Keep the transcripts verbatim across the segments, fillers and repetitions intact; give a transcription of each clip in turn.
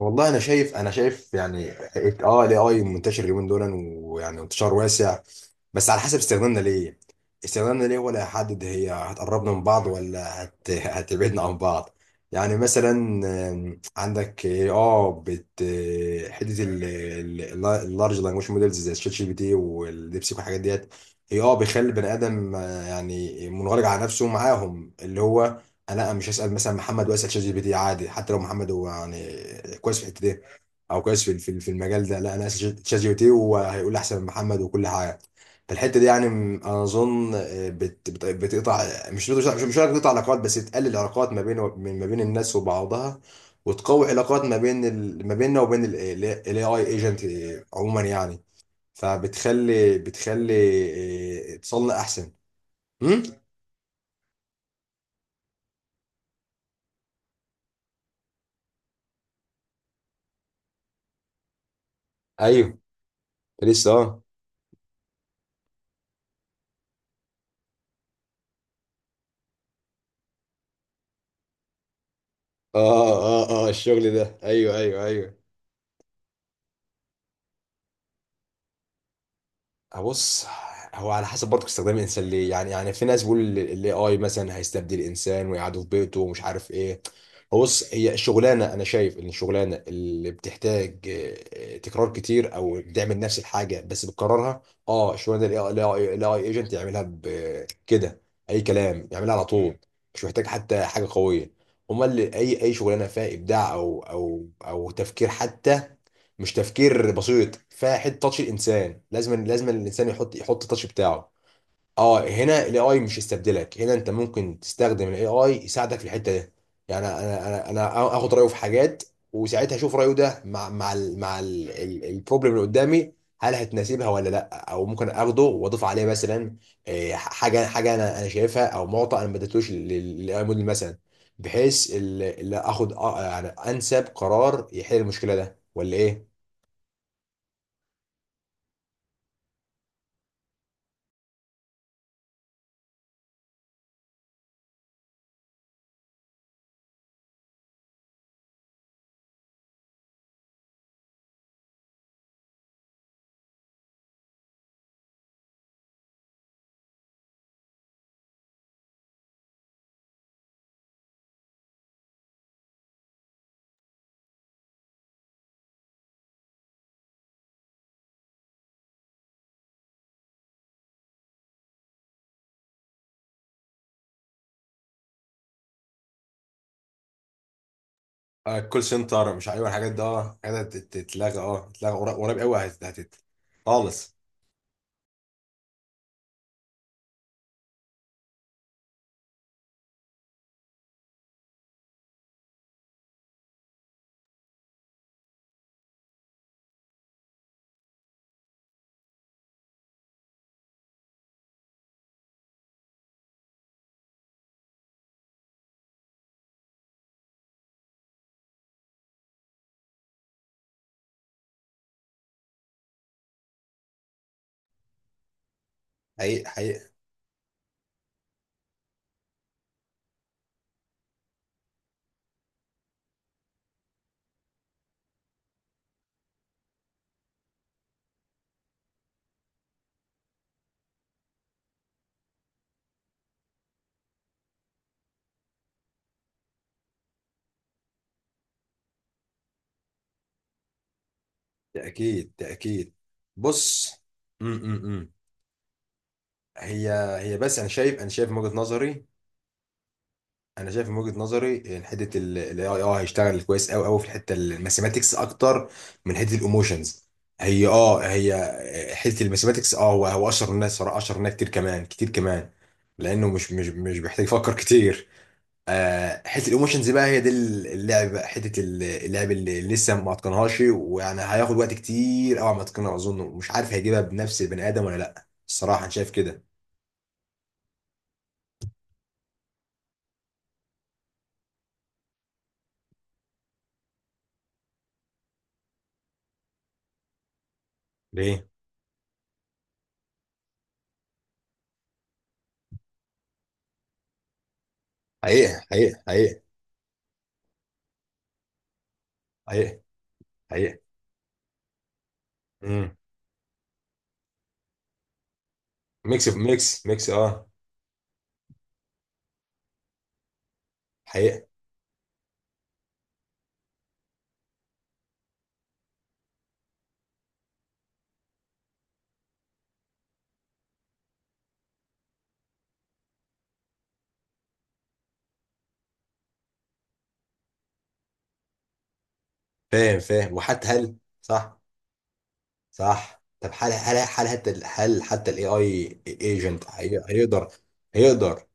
والله انا شايف، انا شايف يعني، ات- اه الاي اي منتشر اليومين دول، ويعني انتشار واسع. بس على حسب استخدامنا ليه، استخدامنا ليه ولا هيحدد، هي هتقربنا من بعض ولا هت... هتبعدنا عن بعض. يعني مثلا، آم، عندك اه بت آه، حته اللارج لانجوج موديلز زي الشات جي بي تي والديبسيك والحاجات ديت. هي اه بيخلي البني ادم آه، يعني منغلق على نفسه معاهم، اللي هو آه، لا، مش هسأل مثلا محمد واسأل شات جي بي تي عادي، حتى لو محمد هو يعني كويس في الحتة دي، او كويس في في في المجال ده. لا، انا هسأل شات جي بي تي وهيقول لي احسن من محمد وكل حاجة. فالحتة دي يعني، م- انا اظن آه، بت بت بتقطع. مش مش مش هقول لك بتقطع علاقات، بس تقلل العلاقات ما بين، ما بين الناس وبعضها، وتقوي علاقات ما بين ال... ما بيننا وبين الاي اي ايجنت، عموما يعني. فبتخلي بتخلي آه، اتصالنا احسن. امم. ايوه. لسه، اه. اه، اه، اه، الشغل ده، ايوه، ايوه، ايوه. آه، بص. هو على حسب برضه استخدام الانسان ليه، يعني يعني في ناس بيقول الاي اي مثلا هيستبدل الانسان ويقعدوا في بيته ومش عارف ايه. هو بص، هي الشغلانه، انا شايف ان الشغلانه اللي بتحتاج آه، تكرار كتير، او بتعمل نفس الحاجه بس بتكررها، اه الشغلانه دي الاي اي ايجنت يعملها ب- كده. اي كلام، يعملها على طول. مش محتاج حتى حاجه قويه. امال اي اي شغلانه فيها ابداع او او او تفكير، حتى مش تفكير بسيط، فيها حته تاتش الانسان، لازم لازم الانسان يحط يحط التاتش بتاعه. اه هنا الاي اي مش يستبدلك، هنا انت ممكن تستخدم الاي اي يساعدك في الحته دي. يعني انا انا انا اخد رايه في حاجات، وساعتها اشوف رايه ده مع مع ال مع البروبلم اللي قدامي، هل هتناسبها ولا لا، او ممكن اخده واضيف عليه مثلا آه، حاجه حاجه انا انا شايفها، او معطى انا ما اديتوش للاي موديل مثلا، بحيث ال- اللي اخد آه، يعني انسب قرار يحل المشكله ده ولا ايه. آه، الكول سنتر، مش عارف الحاجات ده، اه الحاجات دي هتت- تتلغى، اه تتلغى، قرا- قريب قوي، هت- هتت خالص. حقيقي، حقيقي. تأكيد، تأكيد. بص. امم هي هي، بس انا شايف انا شايف من وجهة نظري، انا شايف من وجهة نظري ان حته الاي اي اه هيشتغل كويس قوي قوي في الحته الماثيماتكس اكتر من حته الايموشنز. هي اه هي حته الماثيماتكس، اه هو هو اشهر الناس صراحه، اشهر الناس كتير كمان، كتير كمان، لانه مش مش مش بيحتاج يفكر كتير. آه، حته الايموشنز بقى، هي دي اللعب بقى، حته اللعب اللي لسه ما اتقنهاش، ويعني هياخد وقت كتير قوي ما اتقنها، اظن مش عارف هيجيبها بنفس البني ادم ولا لا، الصراحه انا شايف كده. ليه؟ حقيقه، حقيقه، حقيقه. حقيقه، حقيقه. امم ميكس، ميكس، ميكس، اه. حقيقه. فاهم، فاهم. وحتى هل؟ صح، صح. طب هل هل هل حتى هل حتى الاي اي ايجنت هيقدر هيقدر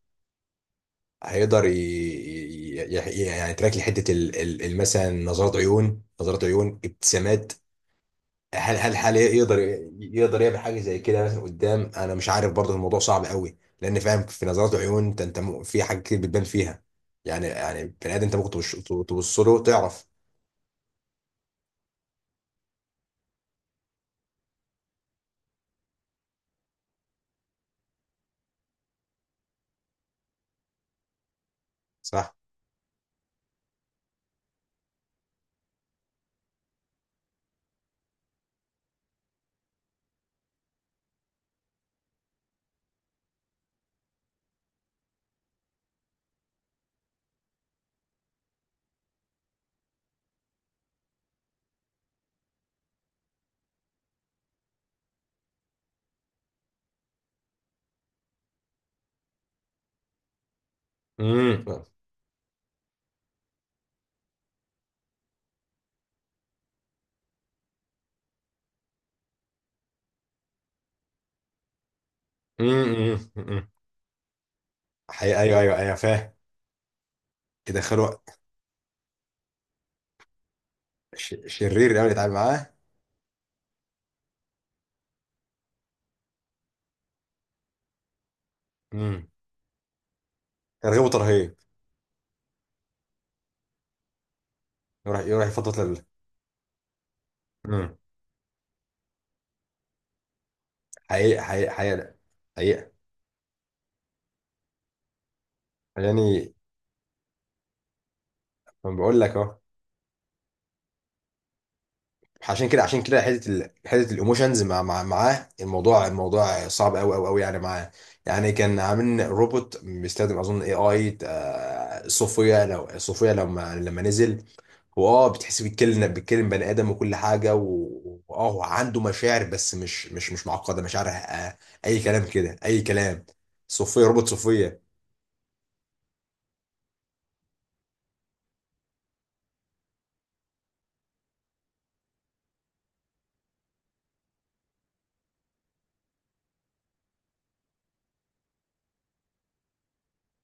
هيقدر ي- ي- ي- يعني يتراك لي حته، ال- ال- ال- مثلا نظرات عيون، نظرات عيون، ابتسامات؟ هل هل هل يقدر؟ يقدر يعمل حاجه زي كده مثلا قدام؟ انا مش عارف برضه، الموضوع صعب قوي، لان فاهم في نظرات العيون، انت انت م- في حاجات كتير بتبان فيها. يعني يعني بني ادم انت ممكن تبص، تبص له تعرف. صح. امم، امم، امم. حقيقة، ايوه، ايوه، ايوه، فاهم. يدخلوا ش- شرير قوي يتعامل معاه. امم ترغيب وترهيب. يروح، يروح يفضل. حقيقة، حقيقة، حقيقة، حقيقة. يعني، ما بقول لك اهو. عشان كده عشان كده حته ال... حته الايموشنز، مع... مع معاه الموضوع الموضوع صعب قوي قوي قوي يعني معاه. يعني كان عاملين روبوت بيستخدم اظن اي اي، صوفيا. لو صوفيا لما لما نزل، هو اه بتحس بيتكلم، بيتكلم بني ادم وكل حاجه، و- واه هو عنده مشاعر، بس مش مش مش معقده مشاعر، آه، اي كلام كده، اي كلام. صوفيا، روبوت صوفيا.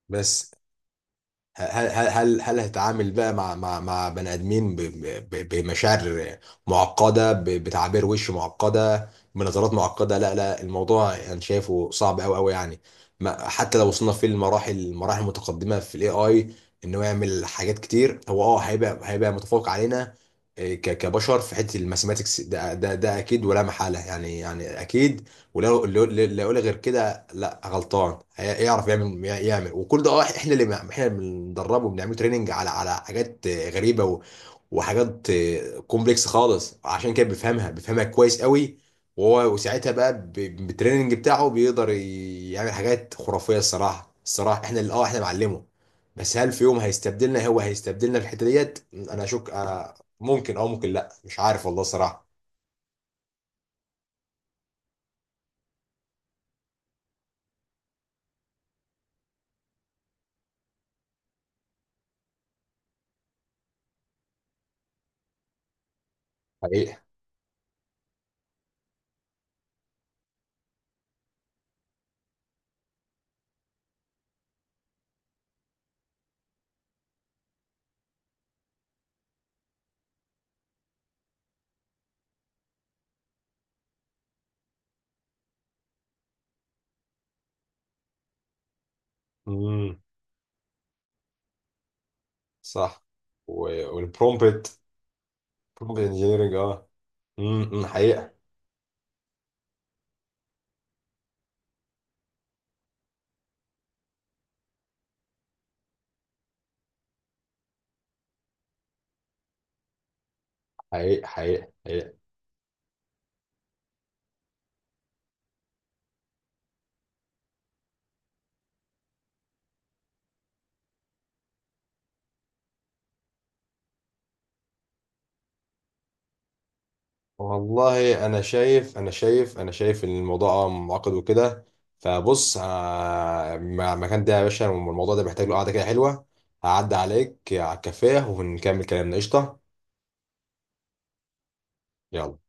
بس هل هل هل هل هتعامل بقى مع مع مع بني ادمين، ب- ب- بمشاعر معقده، ب- بتعابير وش معقده، بنظرات معقده؟ لا، لا، الموضوع انا شايفه صعب قوي قوي يعني. ما حتى لو وصلنا في المراحل، المراحل المتقدمه في الاي اي، ان هو يعمل حاجات كتير، هو اه هيبقى، هيبقى متفوق علينا، إيه، ك- كبشر في حته الماثيماتكس، ده ده ده اكيد ولا محاله، يعني يعني اكيد. ولا اللي يقول غير كده، لا، غلطان. هي- يعرف يعمل، يعمل وكل ده، اه احنا اللي احنا اللي بندربه، بنعمله تريننج على على حاجات آه، غريبه و... وحاجات آه، كومبلكس خالص، عشان كده بيفهمها، بيفهمها كويس قوي. وهو وساعتها بقى، ب- بالتريننج بتاعه بيقدر ي- يعمل حاجات خرافيه. الصراحه، الصراحه احنا اللي، اه احنا بنعلمه. بس هل في يوم هيستبدلنا؟ هو هيستبدلنا في الحته ديت، انا اشك، أنا. ممكن او ممكن لا، مش عارف والله صراحه. حقيقة. امم. صح. والبرومبت، برومبت انجينيرنج. اه امم، إمم، حقيقة. حقيقة، حقيقة، حقيقة. والله انا شايف، انا شايف انا شايف ان الموضوع آه معقد وكده. فبص، آه، مع المكان ده يا باشا، الموضوع ده محتاج له قعدة كده حلوة. هعدي عليك على الكافيه ونكمل كلامنا. قشطة. يلا.